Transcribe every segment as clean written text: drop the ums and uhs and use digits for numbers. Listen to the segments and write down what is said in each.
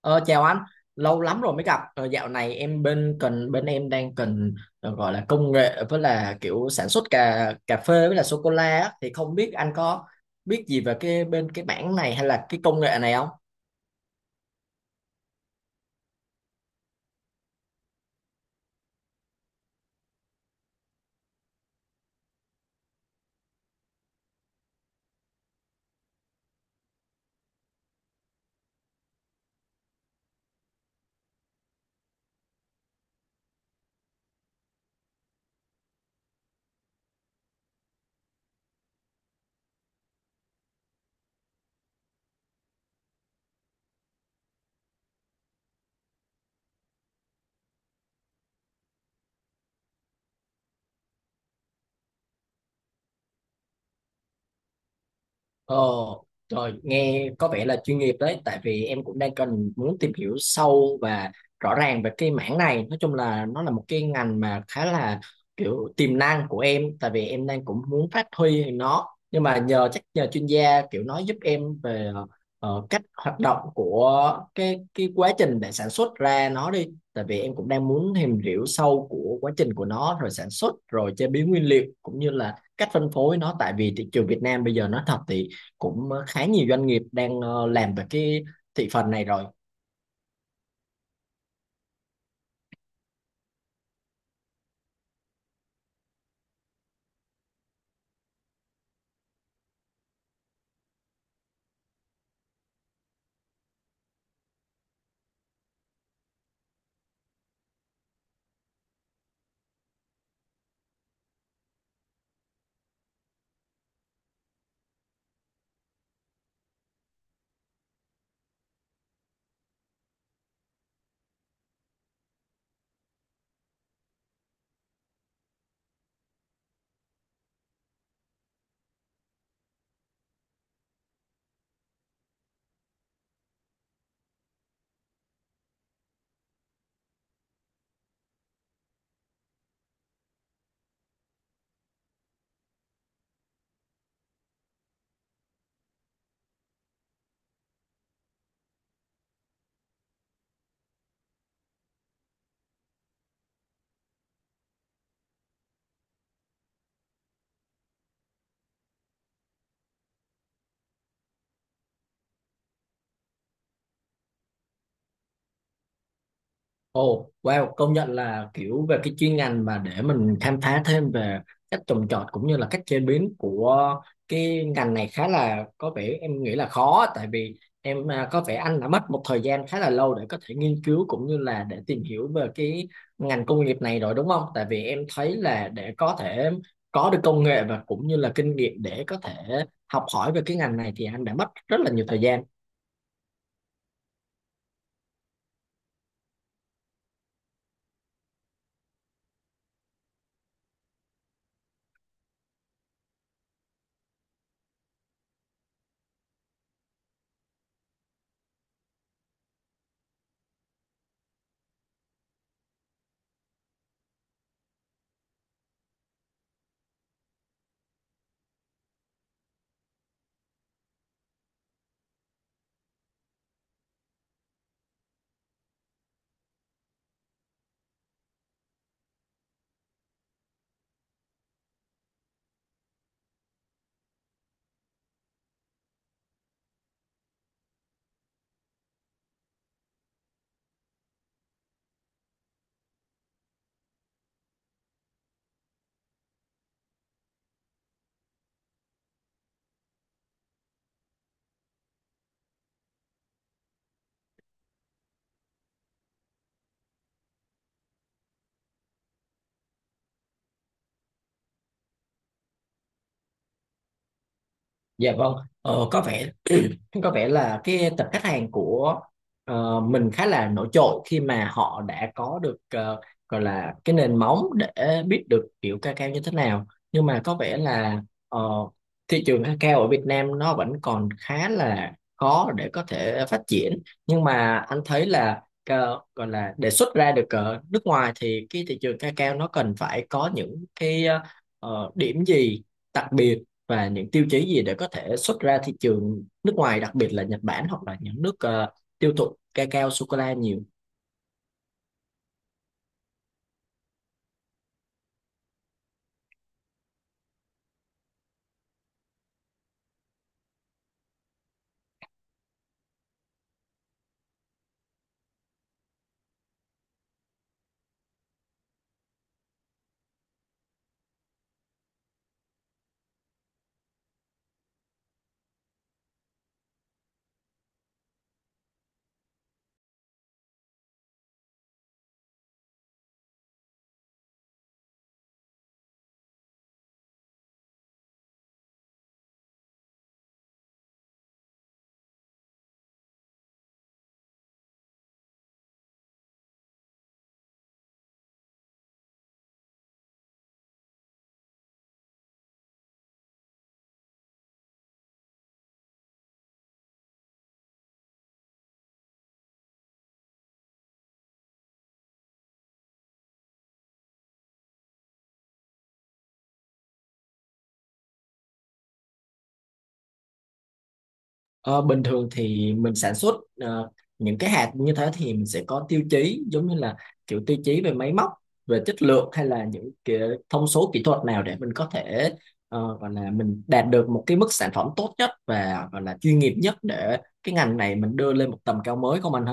Ờ, Chào anh, lâu lắm rồi mới gặp. Ờ, Dạo này em bên cần bên em đang cần gọi là công nghệ với là kiểu sản xuất cà cà phê với là sô cô la á. Thì không biết anh có biết gì về cái bảng này hay là cái công nghệ này không? Ồ, rồi nghe có vẻ là chuyên nghiệp đấy, tại vì em cũng đang cần muốn tìm hiểu sâu và rõ ràng về cái mảng này. Nói chung là nó là một cái ngành mà khá là kiểu tiềm năng của em, tại vì em đang cũng muốn phát huy nó. Nhưng mà chắc nhờ chuyên gia kiểu nói giúp em về cách hoạt động của cái quá trình để sản xuất ra nó đi. Tại vì em cũng đang muốn tìm hiểu sâu của quá trình của nó, rồi sản xuất, rồi chế biến nguyên liệu cũng như là cách phân phối nó. Tại vì thị trường Việt Nam bây giờ nói thật thì cũng khá nhiều doanh nghiệp đang làm về cái thị phần này rồi. Ồ, wow, công nhận là kiểu về cái chuyên ngành mà để mình khám phá thêm về cách trồng trọt cũng như là cách chế biến của cái ngành này khá là có vẻ em nghĩ là khó, tại vì có vẻ anh đã mất một thời gian khá là lâu để có thể nghiên cứu cũng như là để tìm hiểu về cái ngành công nghiệp này rồi đúng không? Tại vì em thấy là để có thể có được công nghệ và cũng như là kinh nghiệm để có thể học hỏi về cái ngành này thì anh đã mất rất là nhiều thời gian. Dạ vâng, ờ, có vẻ có vẻ là cái tập khách hàng của mình khá là nổi trội khi mà họ đã có được gọi là cái nền móng để biết được kiểu cacao như thế nào. Nhưng mà có vẻ là ờ, thị trường cacao ở Việt Nam nó vẫn còn khá là khó để có thể phát triển. Nhưng mà anh thấy là gọi là để xuất ra được ở nước ngoài thì cái thị trường cacao nó cần phải có những cái điểm gì đặc biệt và những tiêu chí gì để có thể xuất ra thị trường nước ngoài, đặc biệt là Nhật Bản hoặc là những nước tiêu thụ cacao sô cô la nhiều. Ờ, bình thường thì mình sản xuất ờ, những cái hạt như thế thì mình sẽ có tiêu chí giống như là kiểu tiêu chí về máy móc, về chất lượng hay là những cái thông số kỹ thuật nào để mình có thể gọi là mình đạt được một cái mức sản phẩm tốt nhất và gọi là chuyên nghiệp nhất để cái ngành này mình đưa lên một tầm cao mới không anh ha?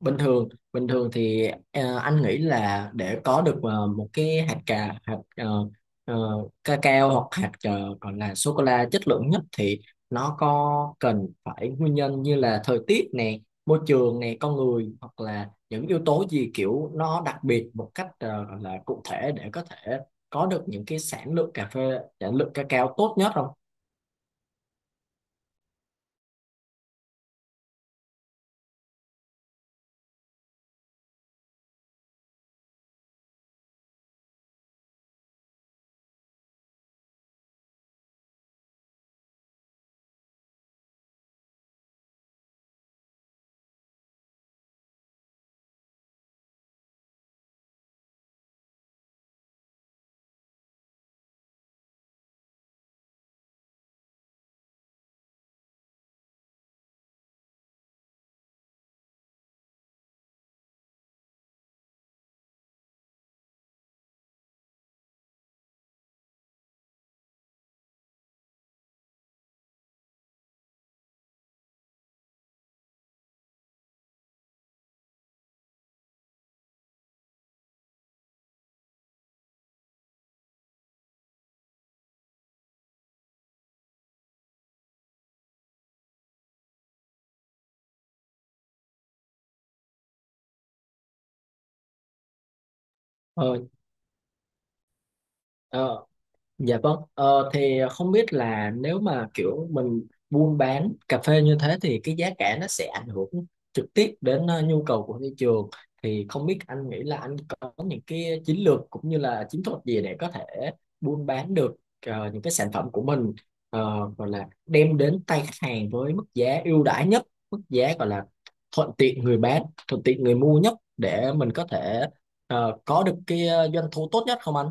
Bình thường thì anh nghĩ là để có được một cái hạt uh, cacao hoặc hạt gọi là sô cô la chất lượng nhất thì nó có cần phải nguyên nhân như là thời tiết nè, môi trường nè, con người hoặc là những yếu tố gì kiểu nó đặc biệt một cách gọi là cụ thể để có thể có được những cái sản lượng cà phê, sản lượng cacao tốt nhất không? Ờ, ờ. Dạ vâng, thì không biết là nếu mà kiểu mình buôn bán cà phê như thế thì cái giá cả nó sẽ ảnh hưởng trực tiếp đến nhu cầu của thị trường, thì không biết anh nghĩ là anh có những cái chiến lược cũng như là chiến thuật gì để có thể buôn bán được những cái sản phẩm của mình gọi là đem đến tay khách hàng với mức giá ưu đãi nhất, mức giá gọi là thuận tiện người bán, thuận tiện người mua nhất để mình có thể có được cái doanh thu tốt nhất không anh?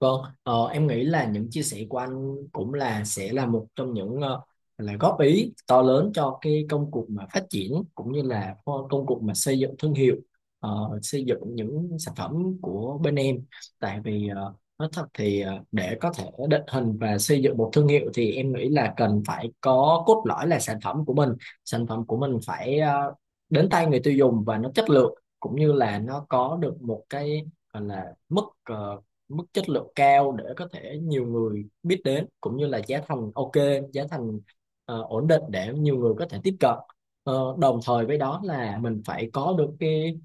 Vâng, em nghĩ là những chia sẻ của anh cũng là sẽ là một trong những là góp ý to lớn cho cái công cuộc mà phát triển cũng như là công cuộc mà xây dựng thương hiệu, xây dựng những sản phẩm của bên em. Tại vì nói thật thì để có thể định hình và xây dựng một thương hiệu thì em nghĩ là cần phải có cốt lõi là sản phẩm của mình, sản phẩm của mình phải đến tay người tiêu dùng và nó chất lượng cũng như là nó có được một cái gọi là mức mức chất lượng cao để có thể nhiều người biết đến cũng như là giá thành ok, giá thành ổn định để nhiều người có thể tiếp cận. Ờ, đồng thời với đó là mình phải có được cái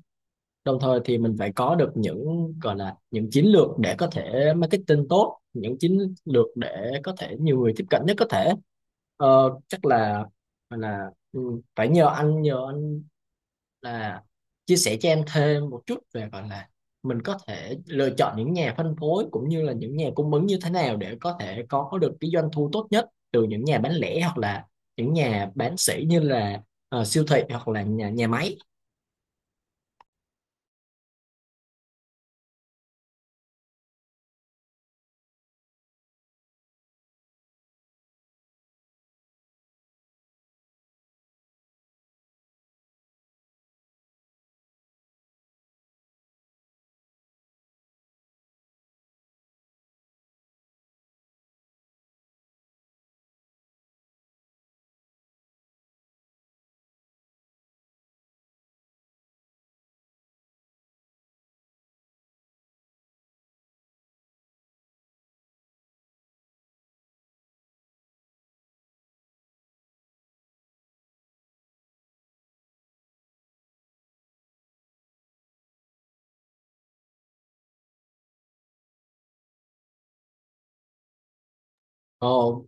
đồng thời thì mình phải có được những gọi là những chiến lược để có thể marketing tốt, những chiến lược để có thể nhiều người tiếp cận nhất có thể. Ờ, chắc là là ừ, phải nhờ anh là chia sẻ cho em thêm một chút về gọi là mình có thể lựa chọn những nhà phân phối cũng như là những nhà cung ứng như thế nào để có thể có được cái doanh thu tốt nhất từ những nhà bán lẻ hoặc là những nhà bán sỉ như là siêu thị hoặc là nhà nhà máy. Ồ,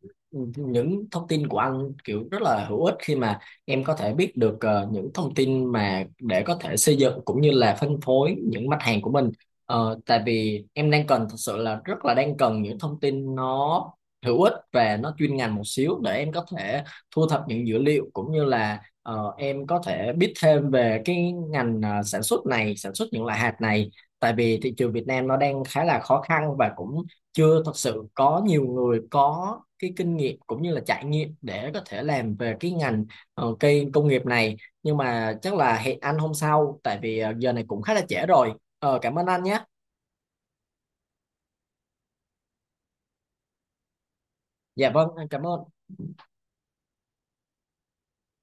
những thông tin của anh kiểu rất là hữu ích khi mà em có thể biết được những thông tin mà để có thể xây dựng cũng như là phân phối những mặt hàng của mình. Ờ, tại vì em đang cần, thật sự là rất là đang cần những thông tin nó hữu ích và nó chuyên ngành một xíu để em có thể thu thập những dữ liệu cũng như là em có thể biết thêm về cái ngành sản xuất này, sản xuất những loại hạt này. Tại vì thị trường Việt Nam nó đang khá là khó khăn và cũng chưa thật sự có nhiều người có cái kinh nghiệm cũng như là trải nghiệm để có thể làm về cái ngành cây công nghiệp này, nhưng mà chắc là hẹn anh hôm sau tại vì giờ này cũng khá là trễ rồi. Ờ, cảm ơn anh nhé. Dạ vâng, em cảm ơn.